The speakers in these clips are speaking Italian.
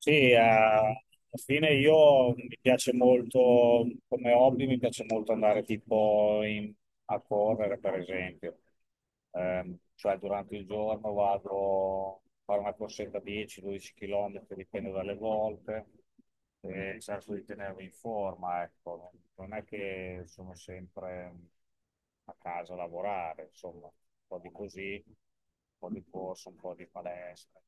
Sì, alla fine io mi piace molto, come hobby, mi piace molto andare a correre, per esempio. Cioè durante il giorno vado a fare una corsetta 10-12 km, dipende dalle volte, e cerco di tenermi in forma, ecco. Non è che sono sempre a casa a lavorare, insomma, un po' di così, un po' di corso, un po' di palestra.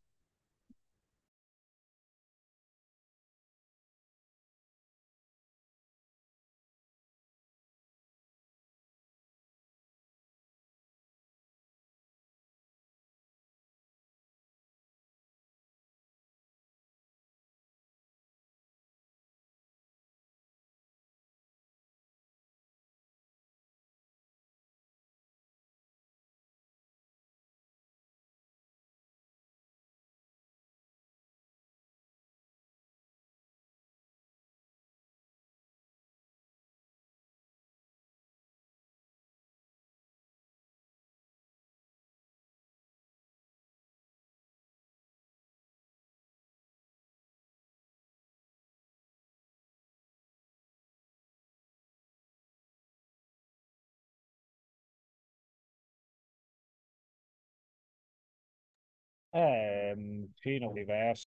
Eh, sì, no, diverse.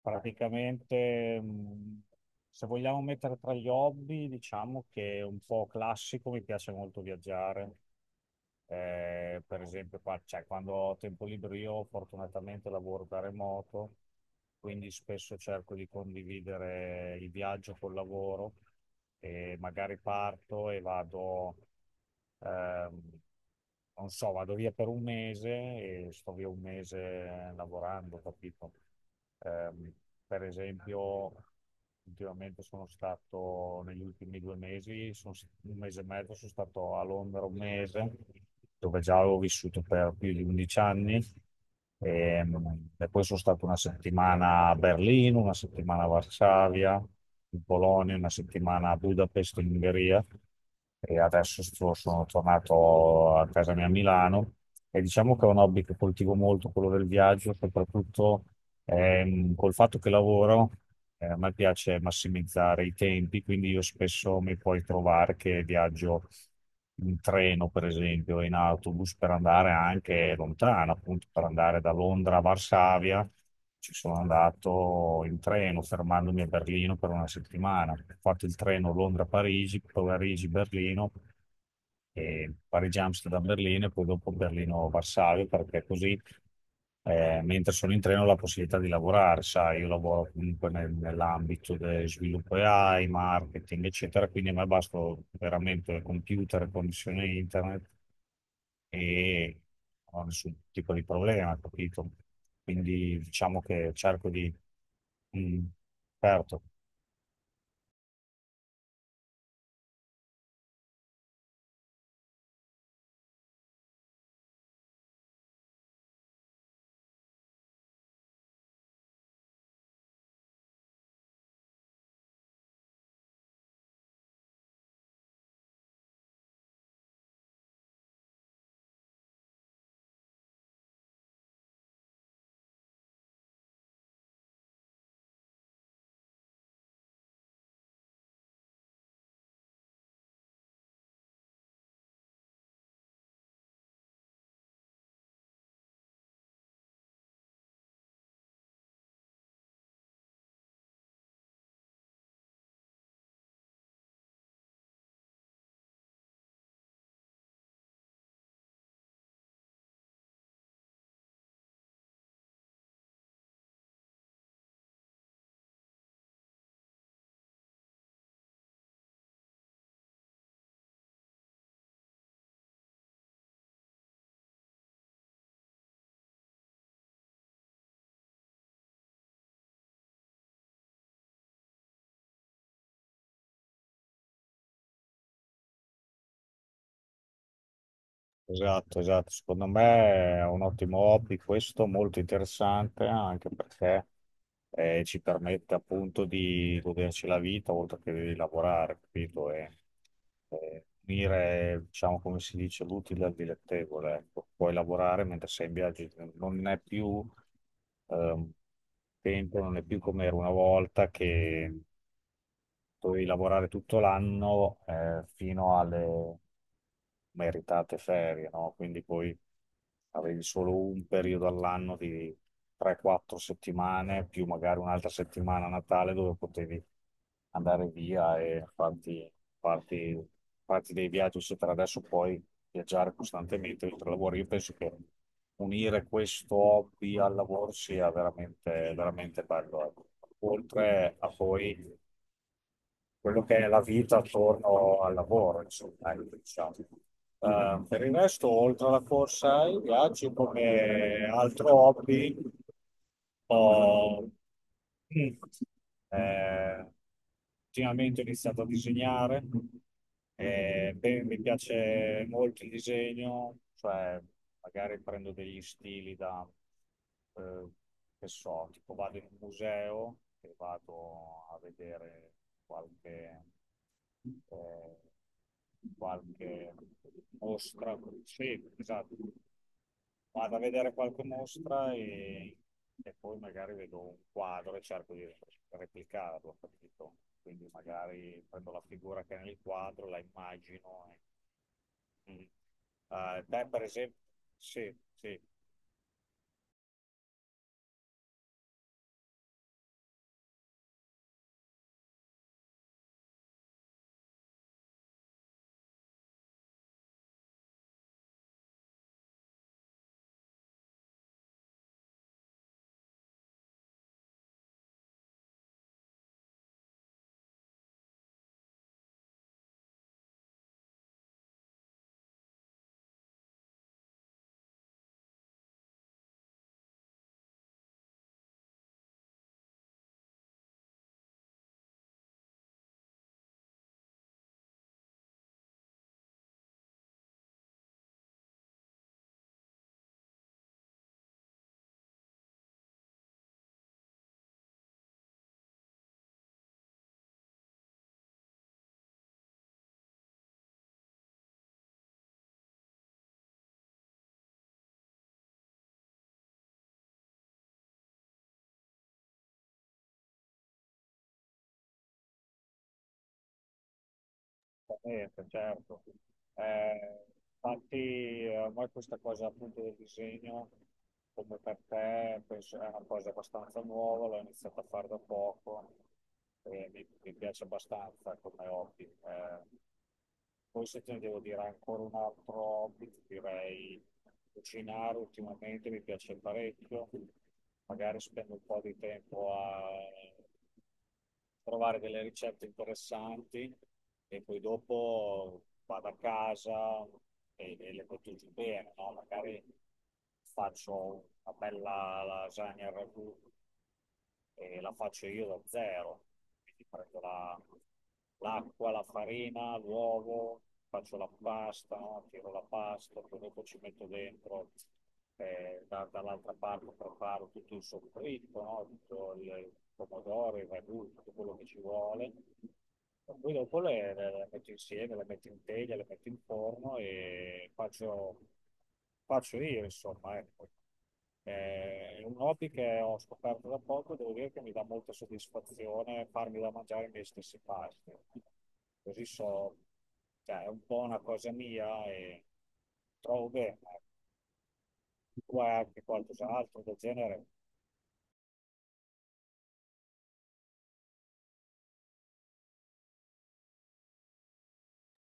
Praticamente, se vogliamo mettere tra gli hobby, diciamo che è un po' classico, mi piace molto viaggiare. Per esempio, cioè, quando ho tempo libero, io fortunatamente lavoro da remoto, quindi spesso cerco di condividere il viaggio col lavoro e magari parto e vado. ehm, Non so, vado via per un mese e sto via un mese lavorando, capito? Ehm, per esempio, ultimamente sono stato, negli ultimi due mesi, un mese e mezzo sono stato a Londra un mese, dove già avevo vissuto per più di 11 anni. E, e poi sono stato una settimana a Berlino, una settimana a Varsavia, in Polonia, una settimana a Budapest, in Ungheria. E sono tornato a casa mia a Milano. E diciamo che è un hobby che coltivo molto, quello del viaggio, soprattutto col fatto che lavoro. A me piace massimizzare i tempi, quindi io spesso mi puoi trovare che viaggio in treno, per esempio, e in autobus per andare anche lontano, appunto per andare da Londra a Varsavia. Ci sono andato in treno, fermandomi a Berlino per una settimana. Ho fatto il treno Londra-Parigi, poi Parigi-Berlino, e Parigi-Amsterdam-Berlino e poi dopo Berlino-Varsavia, perché così mentre sono in treno ho la possibilità di lavorare, sai, io lavoro comunque nell'ambito del sviluppo AI, marketing, eccetera, quindi a me basta veramente il computer, connessione internet e non ho nessun tipo di problema, capito? Quindi diciamo che cerco di... Mm, certo. Esatto, esatto. Secondo me è un ottimo hobby questo, molto interessante anche perché ci permette appunto di goderci la vita oltre che di lavorare, capito? E unire, diciamo, come si dice, l'utile al dilettevole, ecco. Puoi lavorare mentre sei in viaggio, non è più ehm, tempo, non è più come era una volta che dovevi lavorare tutto l'anno fino alle meritate ferie, no? Quindi poi avevi solo un periodo all'anno di 3-4 settimane, più magari un'altra settimana a Natale dove potevi andare via e farti- farti dei viaggi, eccetera. Adesso puoi viaggiare costantemente oltre al lavoro. Io penso che unire questo hobby al lavoro sia veramente, veramente bello. Ecco. Oltre a poi quello che è la vita attorno al lavoro, insomma, ecco, diciamo. Per il resto, oltre alla corsa, i viaggi come altro hobby, ho eh, ultimamente ho iniziato a disegnare, e, beh, mi piace molto il disegno, cioè magari prendo degli stili da eh, che so, tipo vado in un museo e vado a vedere qualche, eh, qualche mostra, sì, esatto, vado a vedere qualche mostra e poi magari vedo un quadro e cerco di replicarlo, capito? Quindi magari prendo la figura che è nel quadro, la immagino. E... Mm. Te per esempio, sì, sì. Esattamente, certo. Eh, infatti a me questa cosa appunto del disegno, come per te, penso è una cosa abbastanza nuova, l'ho iniziata a fare da poco e mi piace abbastanza come hobby. Poi se te ne devo dire ancora un altro hobby, ti direi cucinare ultimamente mi piace parecchio, magari spendo un po' di tempo a trovare delle ricette interessanti e poi dopo vado a casa e le cotizzo bene, no? Magari faccio una bella lasagna al ragù e la faccio io da zero, quindi prendo la, l'acqua, la farina, l'uovo, faccio la pasta, tiro la pasta, poi dopo ci metto dentro, dall'altra parte preparo tutto il soffritto, no? Tutto il pomodoro, il ragù, tutto quello che ci vuole. E poi dopo le metto insieme, le metto in teglia, le metto in forno e faccio io, insomma, ecco. È un hobby che ho scoperto da poco, devo dire che mi dà molta soddisfazione farmi da mangiare i miei stessi pasti. Così so, cioè, è un po' una cosa mia e trovo bene. Tu hai anche qualcos'altro del genere?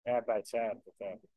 Eh beh, certo, certo.